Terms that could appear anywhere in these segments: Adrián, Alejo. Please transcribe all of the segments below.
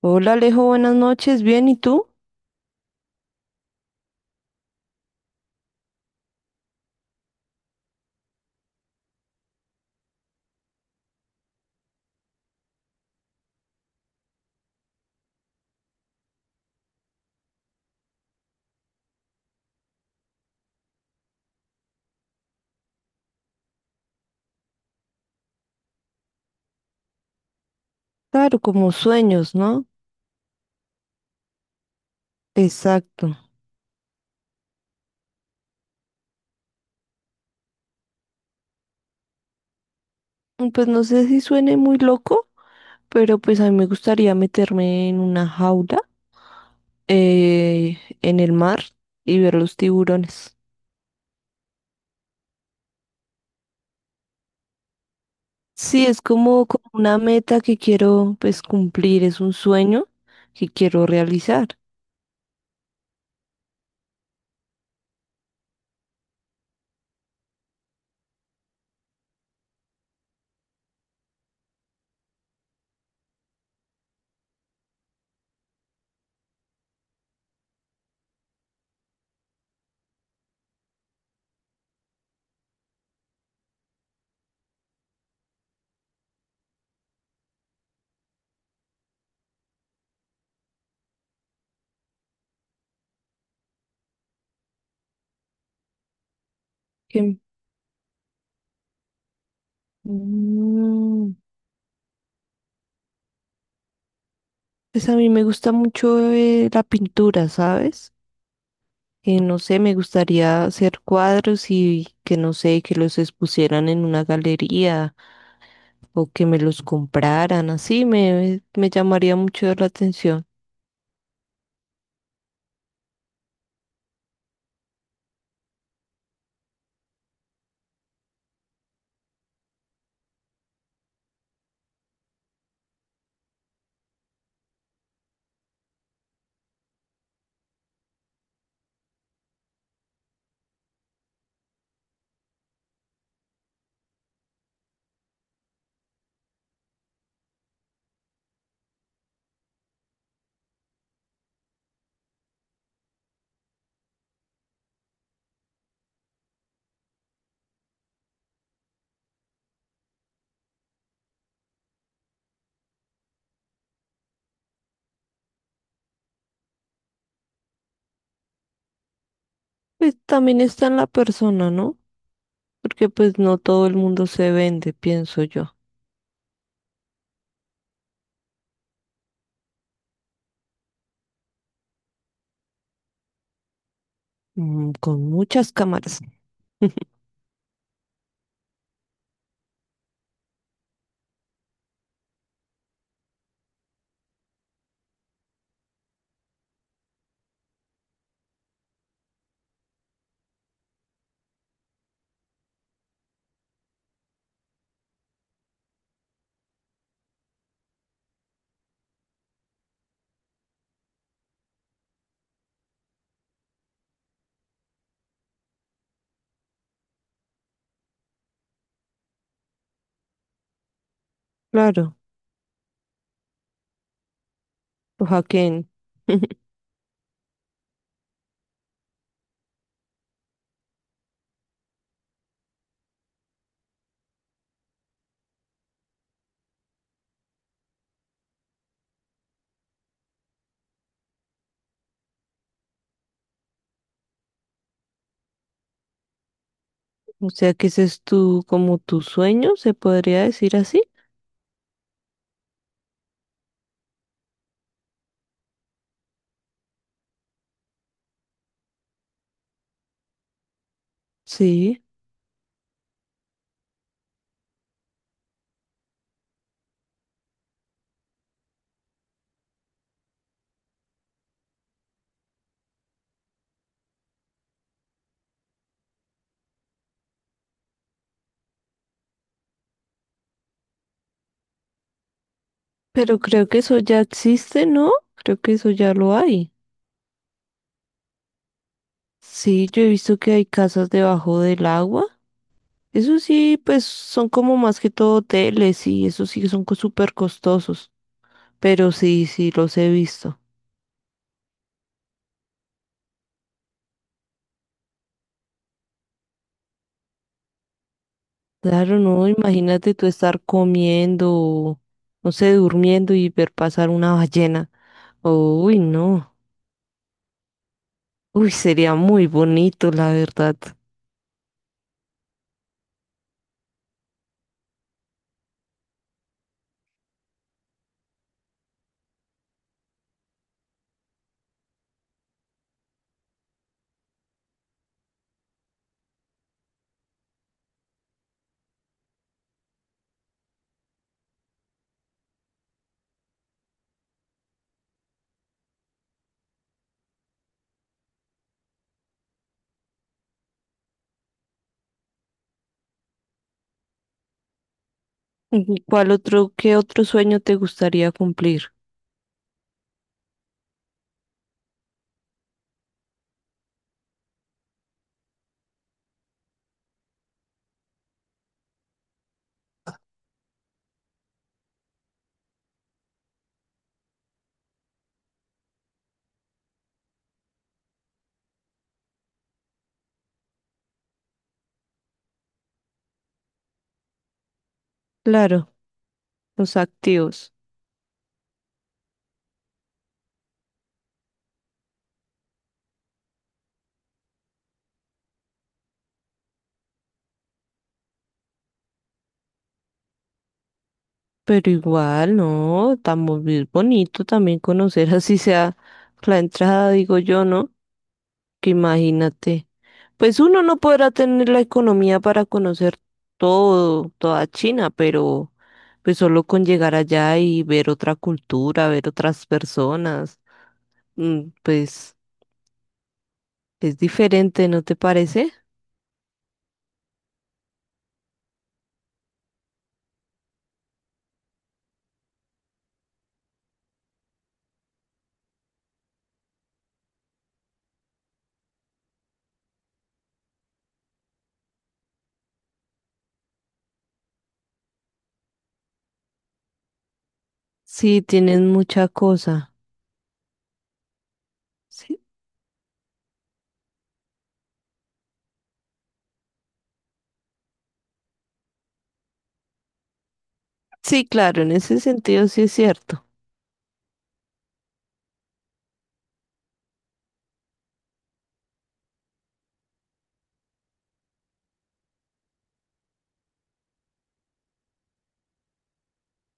Hola Alejo, buenas noches, bien, ¿y tú? Claro, como sueños, ¿no? Exacto. Pues no sé si suene muy loco, pero pues a mí me gustaría meterme en una jaula, en el mar y ver los tiburones. Sí, es como, como una meta que quiero pues cumplir, es un sueño que quiero realizar. Que, mm, pues a mí me gusta mucho la pintura, ¿sabes? No sé, me gustaría hacer cuadros y que no sé, que los expusieran en una galería o que me los compraran, así me llamaría mucho la atención. Pues también está en la persona, ¿no? Porque pues no todo el mundo se vende, pienso yo. Mm, con muchas cámaras. Claro, lo hackeen. O sea que ese es tu, como tu sueño, se podría decir así. Sí, pero creo que eso ya existe, ¿no? Creo que eso ya lo hay. Sí, yo he visto que hay casas debajo del agua. Eso sí, pues son como más que todo hoteles y eso sí que son co- súper costosos. Pero sí, sí, los he visto. Claro, no, imagínate tú estar comiendo, no sé, durmiendo y ver pasar una ballena. Uy, no. Uy, sería muy bonito, la verdad. ¿Y cuál otro, qué otro sueño te gustaría cumplir? Claro, los activos. Pero igual, no, estamos bien bonito también conocer así sea la entrada, digo yo, ¿no? Que imagínate. Pues uno no podrá tener la economía para conocer todo, toda China, pero pues solo con llegar allá y ver otra cultura, ver otras personas, pues es diferente, ¿no te parece? Sí, tienes mucha cosa. Sí, sí, claro, en ese sentido sí es cierto.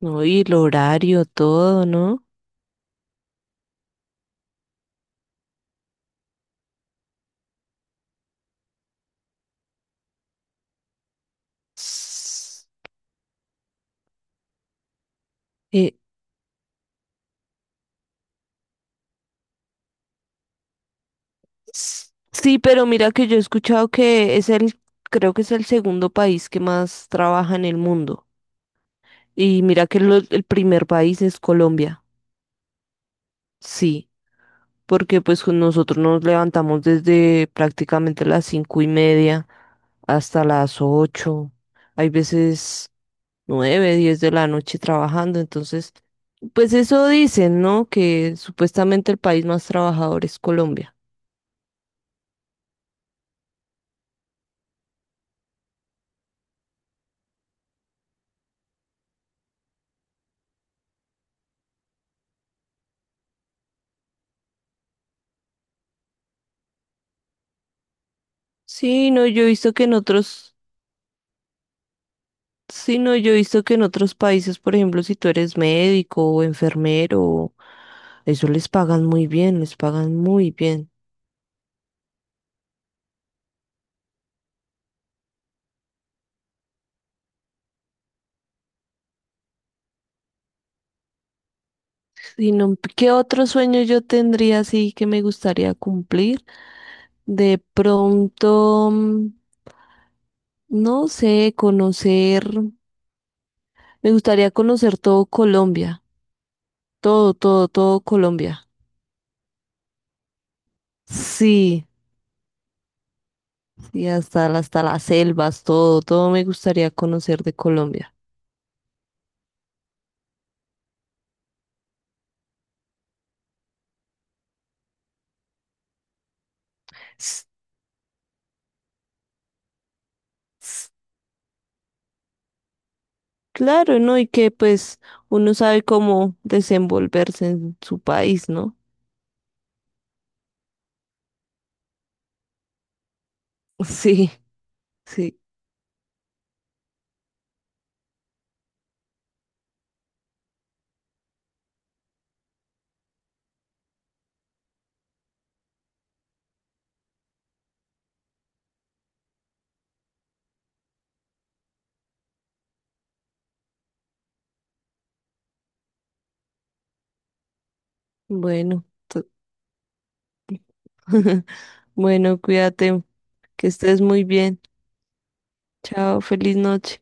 No, y el horario, todo, ¿no? Eh, sí, pero mira que yo he escuchado que es creo que es el segundo país que más trabaja en el mundo. Y mira que lo- el primer país es Colombia. Sí, porque pues con nosotros nos levantamos desde prácticamente las 5:30 hasta las 8. Hay veces 9, 10 de la noche trabajando. Entonces, pues eso dicen, ¿no? Que supuestamente el país más trabajador es Colombia. Sí, no, yo he visto que en otros, sí, no, yo he visto que en otros países, por ejemplo, si tú eres médico o enfermero, eso les pagan muy bien, les pagan muy bien. Y no, ¿qué otro sueño yo tendría así que me gustaría cumplir? De pronto, no sé, me gustaría conocer todo Colombia, todo, todo, todo Colombia. Sí. Y hasta, hasta las selvas, todo, todo me gustaría conocer de Colombia. S- s- Claro, ¿no? Y que pues uno sabe cómo desenvolverse en su país, ¿no? Sí, sí. Bueno, to- bueno, cuídate, que estés muy bien. Chao, feliz noche.